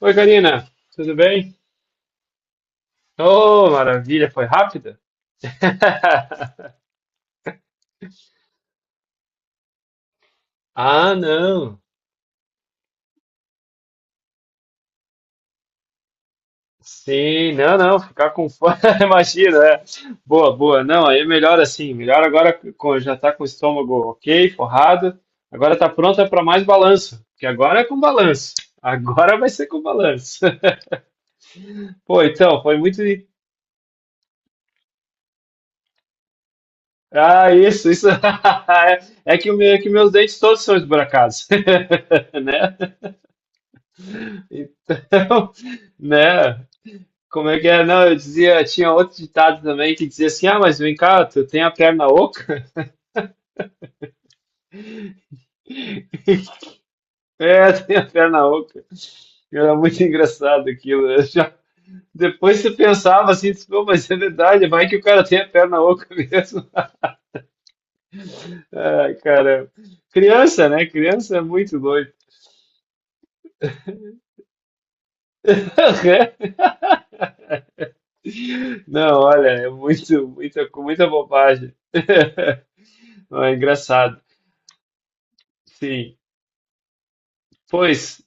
Oi, Karina, tudo bem? Oh, maravilha, foi rápida? Ah, não. Sim, não, não, ficar com fome, imagina, é. Boa, boa. Não, aí é melhor assim, melhor agora com, já tá com o estômago ok, forrado. Agora tá pronta para mais balanço, que agora é com balanço. Agora vai ser com balanço. Pô, então, foi muito. Ah, isso, isso. É que, o meu, é que meus dentes todos são esburacados, né? Então, né? Como é que é? Não, eu dizia, tinha outro ditado também que dizia assim: ah, mas vem cá, tu tem a perna oca? É, tem a perna oca. Era muito engraçado aquilo, né? Já- depois você pensava assim, disse, pô, mas é verdade, vai que o cara tem a perna oca mesmo. Ai, caramba. Criança, né? Criança é muito doido. Não, olha, é muito, muita, com muita bobagem. Não, é engraçado. Sim. Pois.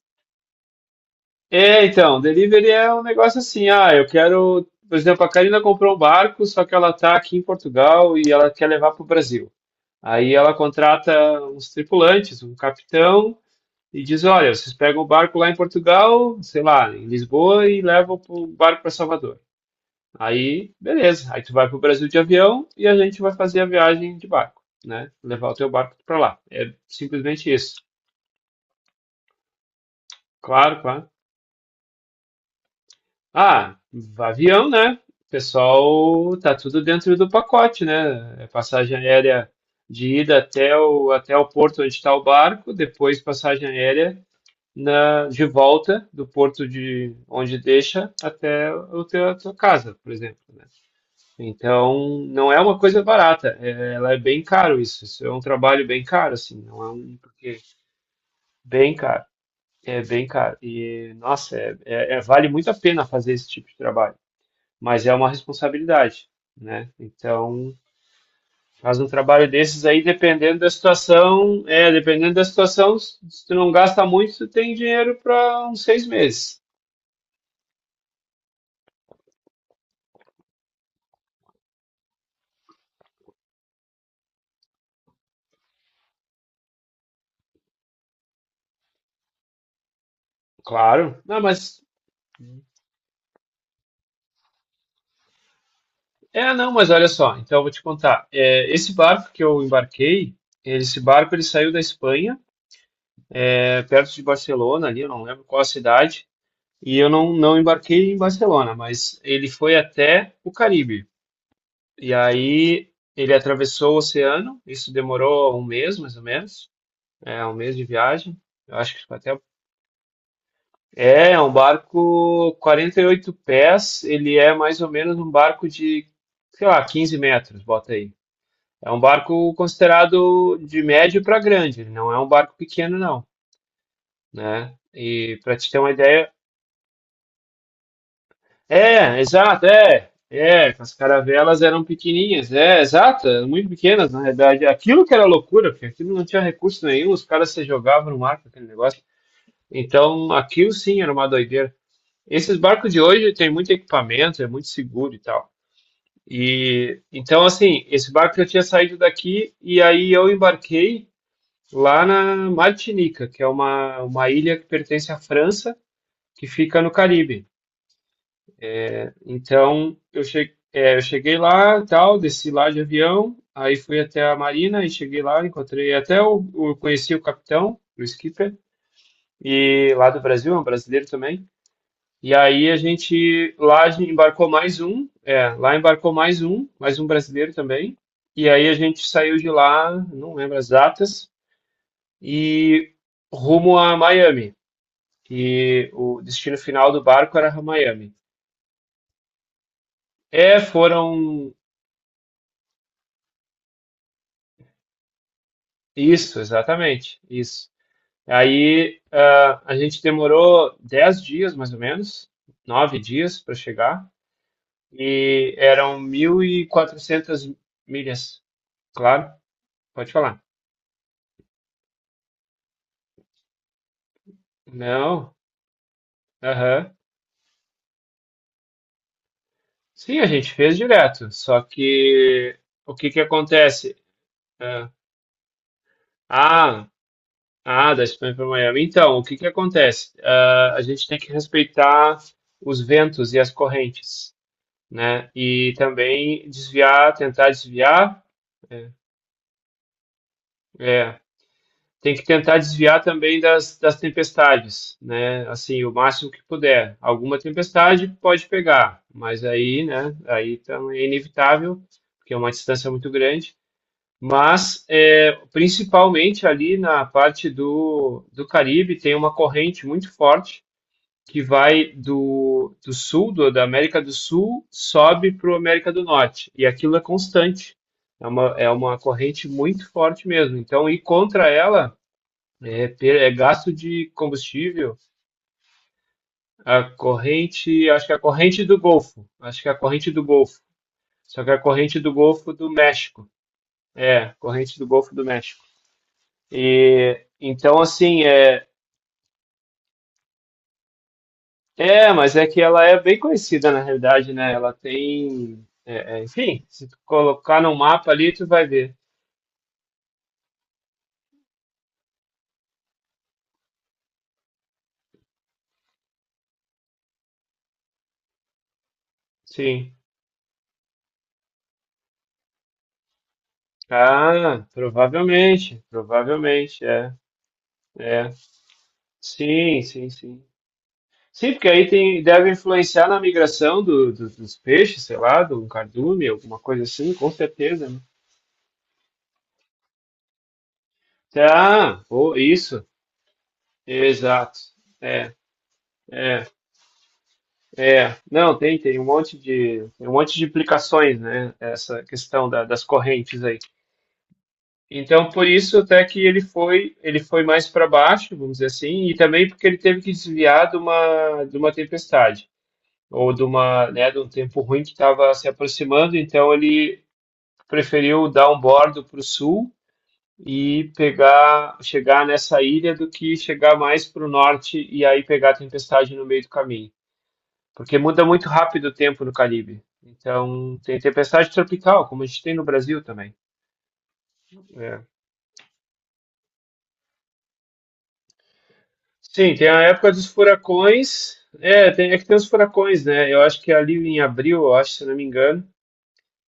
É, então, delivery é um negócio assim, ah, eu quero, por exemplo, a Karina comprou um barco, só que ela está aqui em Portugal e ela quer levar para o Brasil. Aí ela contrata uns tripulantes, um capitão, e diz, olha, vocês pegam o barco lá em Portugal, sei lá, em Lisboa, e levam o barco para Salvador. Aí, beleza, aí tu vai para o Brasil de avião e a gente vai fazer a viagem de barco, né? Levar o teu barco para lá. É simplesmente isso. Claro, claro. Ah, avião, né? Pessoal, tá tudo dentro do pacote, né? É passagem aérea de ida até o, até o porto onde está o barco, depois passagem aérea na, de volta do porto de onde deixa até o teu, a tua casa, por exemplo, né? Então, não é uma coisa barata, é- ela é bem caro isso, isso é um trabalho bem caro, assim, não é um, porque bem caro, é bem caro, e nossa, é, é- é- vale muito a pena fazer esse tipo de trabalho mas é uma responsabilidade, né? Então, faz um trabalho desses aí, dependendo da situação, é, dependendo da situação, se tu não gasta muito, tu tem dinheiro para uns 6 meses. Claro. Não, mas é, não, mas olha só, então eu vou te contar. É, esse barco que eu embarquei, esse barco ele saiu da Espanha, é, perto de Barcelona, ali, eu não lembro qual a cidade, e eu não, não embarquei em Barcelona, mas ele foi até o Caribe. E aí ele atravessou o oceano, isso demorou um mês, mais ou menos, é um mês de viagem. Eu acho que ficou até. É, é um barco 48 pés, ele é mais ou menos um barco de, sei lá, 15 metros, bota aí. É um barco considerado de médio para grande, ele não é um barco pequeno, não, né? E para te ter uma ideia, é, exato, é. É, as caravelas eram pequenininhas, é, exato, eram muito pequenas, na realidade. Aquilo que era loucura, porque aquilo não tinha recurso nenhum, os caras se jogavam no mar com aquele negócio. Então, aquilo sim era uma doideira. Esses barcos de hoje têm muito equipamento, é muito seguro e tal. E então, assim, esse barco eu tinha saído daqui e aí eu embarquei lá na Martinica, que é uma ilha que pertence à França, que fica no Caribe. Então, eu cheguei lá, tal, desci lá de avião, aí fui até a marina e cheguei lá, encontrei até o conheci o capitão, o skipper, e lá do Brasil, é um brasileiro também. E aí a gente lá a gente embarcou mais um, é, lá embarcou mais um brasileiro também. E aí a gente saiu de lá, não lembro as datas, e rumo a Miami. E o destino final do barco era Miami. É, foram isso, exatamente, isso. Aí ah, a gente demorou 10 dias, mais ou menos, 9 dias para chegar, e eram 1.400 milhas, claro, pode falar. Não, aham. Sim, a gente fez direto, só que o que que acontece? Ah, ah, ah, da Espanha para Miami. Então, o que que acontece? Ah, a gente tem que respeitar os ventos e as correntes, né? E também desviar, tentar desviar, é, é, tem que tentar desviar também das, das tempestades, né? Assim, o máximo que puder. Alguma tempestade pode pegar, mas aí, né? Aí também é inevitável, porque é uma distância muito grande. Mas, é, principalmente ali na parte do, do Caribe, tem uma corrente muito forte que vai do, do sul, do, da América do Sul, sobe para a América do Norte. E aquilo é constante. É uma corrente muito forte mesmo. Então, ir contra ela é, per- é gasto de combustível. A corrente, acho que é a corrente do Golfo. Acho que é a corrente do Golfo. Só que é a corrente do Golfo do México. É, corrente do Golfo do México. Então, assim, é, é, mas é que ela é bem conhecida na realidade, né? Ela tem, é, é, enfim, se tu colocar no mapa ali, tu vai ver. Sim. Ah, provavelmente, provavelmente, é, é. Sim, sim, sim. Sim, porque aí tem, deve influenciar na migração do, do- dos peixes, sei lá, do cardume, alguma coisa assim, com certeza, né? Tá, pô, isso, exato. É, é, não, tem, tem um monte de, tem um monte de implicações, né? Essa questão da- das correntes aí. Então, por isso até que ele foi mais para baixo, vamos dizer assim, e também porque ele teve que desviar de uma tempestade, ou de uma, né, de um tempo ruim que estava se aproximando, então ele preferiu dar um bordo para o sul e pegar, chegar nessa ilha do que chegar mais para o norte e aí pegar a tempestade no meio do caminho, porque muda muito rápido o tempo no Caribe. Então, tem tempestade tropical, como a gente tem no Brasil também. É. Sim, tem a época dos furacões. É, tem, é que tem os furacões, né? Eu acho que ali em abril, eu acho, se não me engano,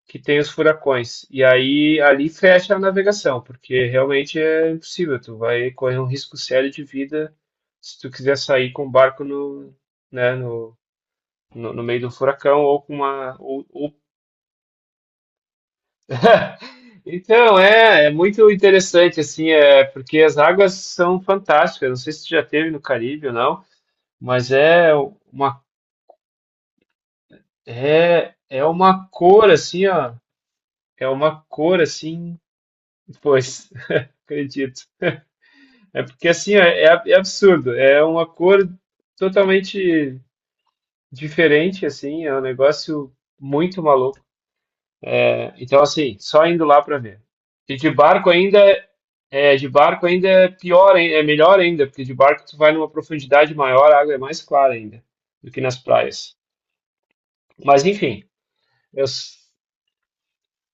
que tem os furacões. E aí ali fecha a navegação, porque realmente é impossível. Tu vai correr um risco sério de vida se tu quiser sair com o barco no, né, no, no, no meio do furacão ou com uma, ou- então, é, é muito interessante, assim, é, porque as águas são fantásticas. Não sei se tu já teve no Caribe ou não. Mas é uma é, é uma cor assim, ó. É uma cor assim. Pois, acredito. É porque assim, ó, é, ab- é absurdo. É uma cor totalmente diferente, assim. É um negócio muito maluco, né? Então, assim, só indo lá para ver. E de barco ainda é, de barco ainda é pior, hein? É melhor ainda, porque de barco tu vai numa profundidade maior, a água é mais clara ainda do que nas praias. Mas enfim, eu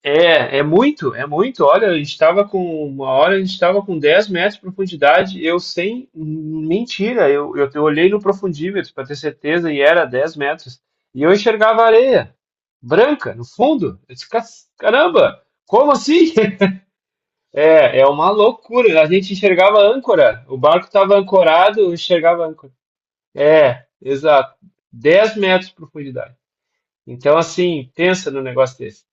é, é muito, é muito. Olha, a gente estava com uma hora, a gente estava com 10 metros de profundidade. Eu sem mentira, eu olhei no profundímetro para ter certeza e era 10 metros. E eu enxergava areia branca no fundo. Eu disse, "Cas- caramba, como assim?" É, é uma loucura. A gente enxergava âncora. O barco estava ancorado, eu enxergava âncora. É, exato. 10 metros de profundidade. Então, assim, pensa no negócio desse.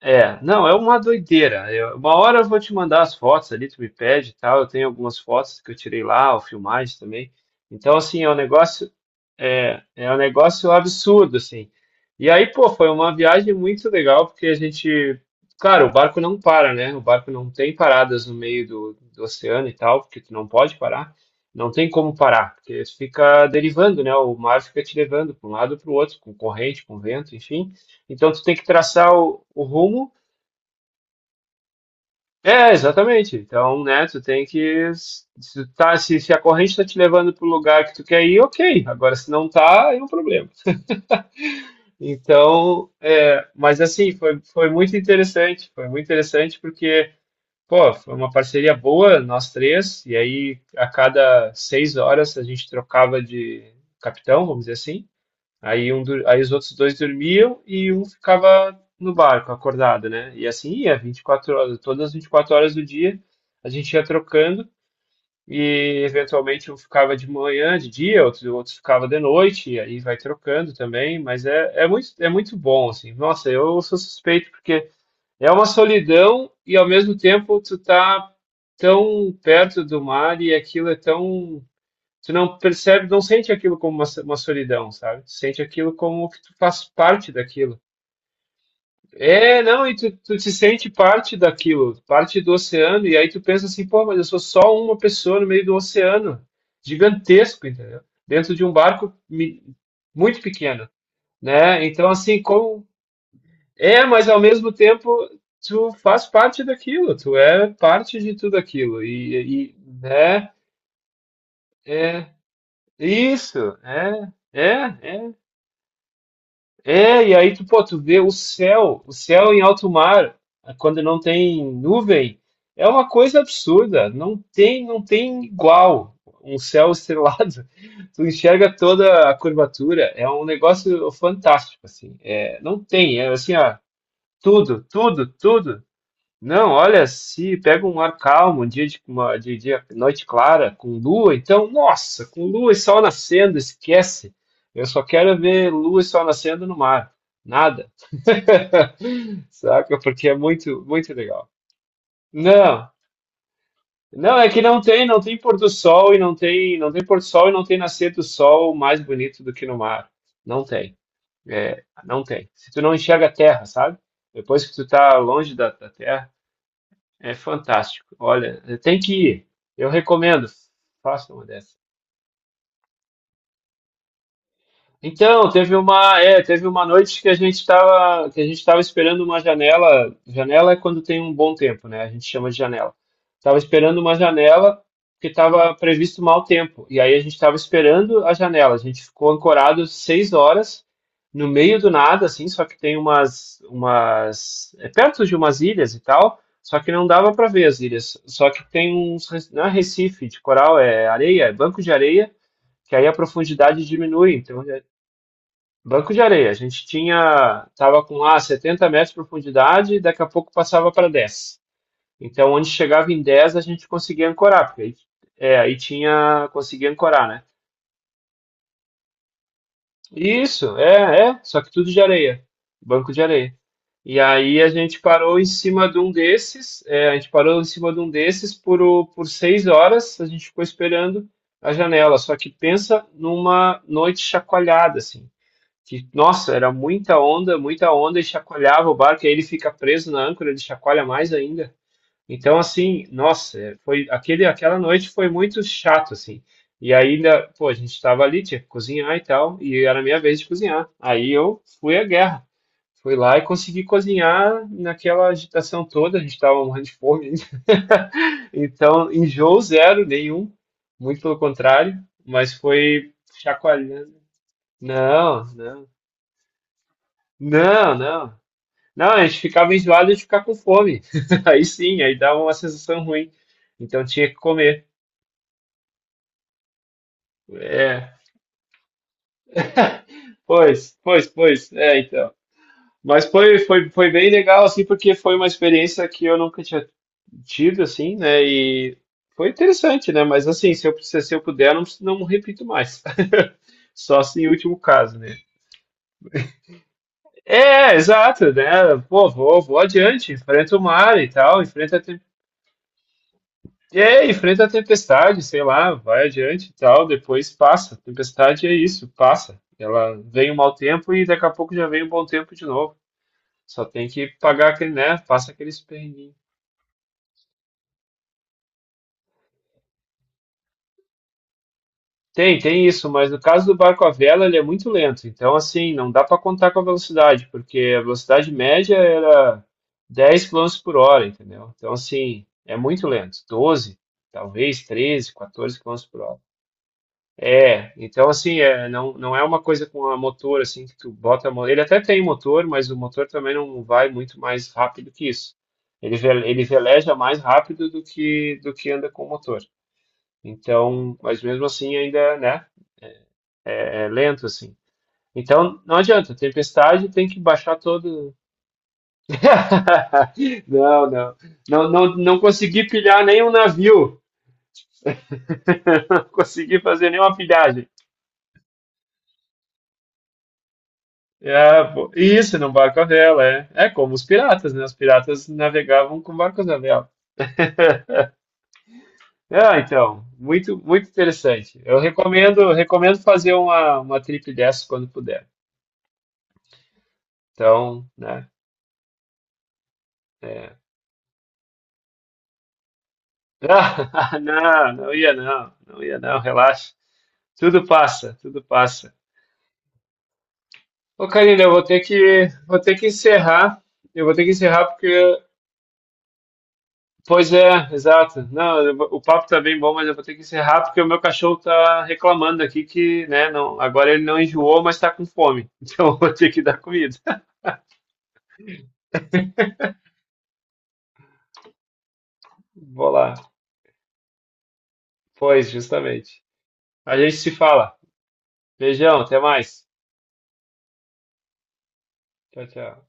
É, não, é uma doideira. Eu- uma hora eu vou te mandar as fotos ali, tu me pede e tal. Eu tenho algumas fotos que eu tirei lá, ou filmagens também. Então, assim, é um negócio, é, é um negócio absurdo, assim. E aí, pô, foi uma viagem muito legal, porque a gente, claro, o barco não para, né? O barco não tem paradas no meio do, do oceano e tal, porque tu não pode parar. Não tem como parar, porque fica derivando, né? O mar fica te levando para um lado para o outro, com corrente, com vento, enfim. Então, tu tem que traçar o rumo. É, exatamente. Então, né, tu tem que. Se, tá, se a corrente está te levando para o lugar que tu quer ir, ok. Agora, se não tá, aí é um problema. Então, é, mas assim, foi, foi muito interessante. Foi muito interessante porque, pô, foi uma parceria boa, nós três. E aí, a cada 6 horas, a gente trocava de capitão, vamos dizer assim. Aí, um, dur- aí os outros dois dormiam e um ficava no barco, acordado, né? E assim ia, 24 horas, todas as 24 horas do dia, a gente ia trocando e eventualmente um ficava de manhã, de dia, outro, outro ficava de noite, e aí vai trocando também, mas é, é muito bom, assim. Nossa, eu sou suspeito porque é uma solidão e ao mesmo tempo tu tá tão perto do mar e aquilo é tão tu não percebe, não sente aquilo como uma solidão, sabe? Tu sente aquilo como que tu faz parte daquilo. É, não, e tu te sente parte daquilo, parte do oceano, e aí tu pensa assim, pô, mas eu sou só uma pessoa no meio do oceano, gigantesco, entendeu? Dentro de um barco muito pequeno, né? Então, assim, como... É, mas ao mesmo tempo tu faz parte daquilo, tu é parte de tudo aquilo, e né? É, isso, é, é, é. É, e aí tu, pô, tu vê o céu em alto mar, quando não tem nuvem, é uma coisa absurda, não tem, não tem igual um céu estrelado. Tu enxerga toda a curvatura, é um negócio fantástico, assim. É, não tem, é assim, ó, tudo, tudo, tudo. Não, olha, se pega um ar calmo, um dia de, uma, de dia, noite clara, com lua, então, nossa, com lua e sol nascendo, esquece. Eu só quero ver lua e sol nascendo no mar. Nada. Saca? Porque é muito, muito legal. Não, não, é que não tem, não tem pôr do sol e não tem, não tem pôr do sol e não tem nascer do sol mais bonito do que no mar. Não tem. É, não tem. Se tu não enxerga a terra, sabe? Depois que tu tá longe da terra, é fantástico. Olha, tem que ir. Eu recomendo. Faça uma dessas. Então, teve uma noite que a gente estava, que a gente estava esperando uma janela. Janela é quando tem um bom tempo, né? A gente chama de janela. Tava esperando uma janela porque estava previsto mau tempo. E aí a gente estava esperando a janela. A gente ficou ancorado 6 horas no meio do nada, assim, só que tem umas, é perto de umas ilhas e tal. Só que não dava para ver as ilhas. Só que tem uns, não é Recife de coral, é areia, é banco de areia que aí a profundidade diminui. Então, banco de areia. A gente tinha, tava com 70 metros de profundidade e daqui a pouco passava para 10. Então, onde chegava em 10 a gente conseguia ancorar, porque aí, é, aí tinha, conseguia ancorar, né? Isso, é, é, só que tudo de areia, banco de areia. E aí a gente parou em cima de um desses, é, a gente parou em cima de um desses por, por 6 horas, a gente ficou esperando a janela. Só que pensa numa noite chacoalhada, assim. Que, nossa, era muita onda e chacoalhava o barco, e aí ele fica preso na âncora, ele chacoalha mais ainda. Então, assim, nossa, é, foi aquele, aquela noite foi muito chato, assim. E ainda, pô, a gente estava ali, tinha que cozinhar e tal, e era a minha vez de cozinhar. Aí eu fui à guerra. Fui lá e consegui cozinhar naquela agitação toda, a gente estava morrendo de fome. Então, enjoo zero, nenhum, muito pelo contrário, mas foi chacoalhando. Não, não. Não, não. Não, a gente ficava enjoado de ficar com fome. Aí sim, aí dava uma sensação ruim. Então tinha que comer. É, pois, pois, pois. É, então. Mas foi, foi, foi bem legal, assim, porque foi uma experiência que eu nunca tinha tido, assim, né? E foi interessante, né? Mas assim, se eu puder, não, não repito mais. Só assim, em último caso, né? É, exato, né? Pô, vou adiante, enfrenta o mar e tal, enfrenta a. E é, enfrenta a tempestade, sei lá, vai adiante e tal, depois passa. Tempestade é isso, passa. Ela vem um mau tempo e daqui a pouco já vem um bom tempo de novo. Só tem que pagar aquele, né? Passa aqueles perrenguinho. Tem, tem isso, mas no caso do barco à vela, ele é muito lento. Então, assim, não dá para contar com a velocidade, porque a velocidade média era 10 quilômetros por hora, entendeu? Então, assim, é muito lento. 12, talvez 13, 14 quilômetros por hora. É, então assim, é, não, não é uma coisa com a motor assim que tu bota a mão. Ele até tem motor, mas o motor também não vai muito mais rápido que isso. Ele, ele veleja mais rápido do que anda com o motor. Então, mas mesmo assim ainda, né, é lento assim. Então, não adianta, tempestade tem que baixar todo. Não, não. Não, não, não consegui pilhar nenhum navio, não consegui fazer nenhuma pilhagem. É, pô, isso, num barco à vela, é. É como os piratas, né? Os piratas navegavam com barcos à vela. Ah, então, muito, muito interessante. Eu recomendo, recomendo fazer uma trip dessa quando puder. Então, né? É. Ah, não, não ia não, não ia não, relaxa. Tudo passa, tudo passa. Ô, Karina, eu vou ter que encerrar. Eu vou ter que encerrar porque... Pois é, exato. Não, eu o papo tá bem bom, mas eu vou ter que encerrar porque o meu cachorro tá reclamando aqui que, né, não, agora ele não enjoou, mas tá com fome. Então eu vou ter que dar comida. Vou lá. Pois, justamente. A gente se fala. Beijão, até mais. Tchau, tchau.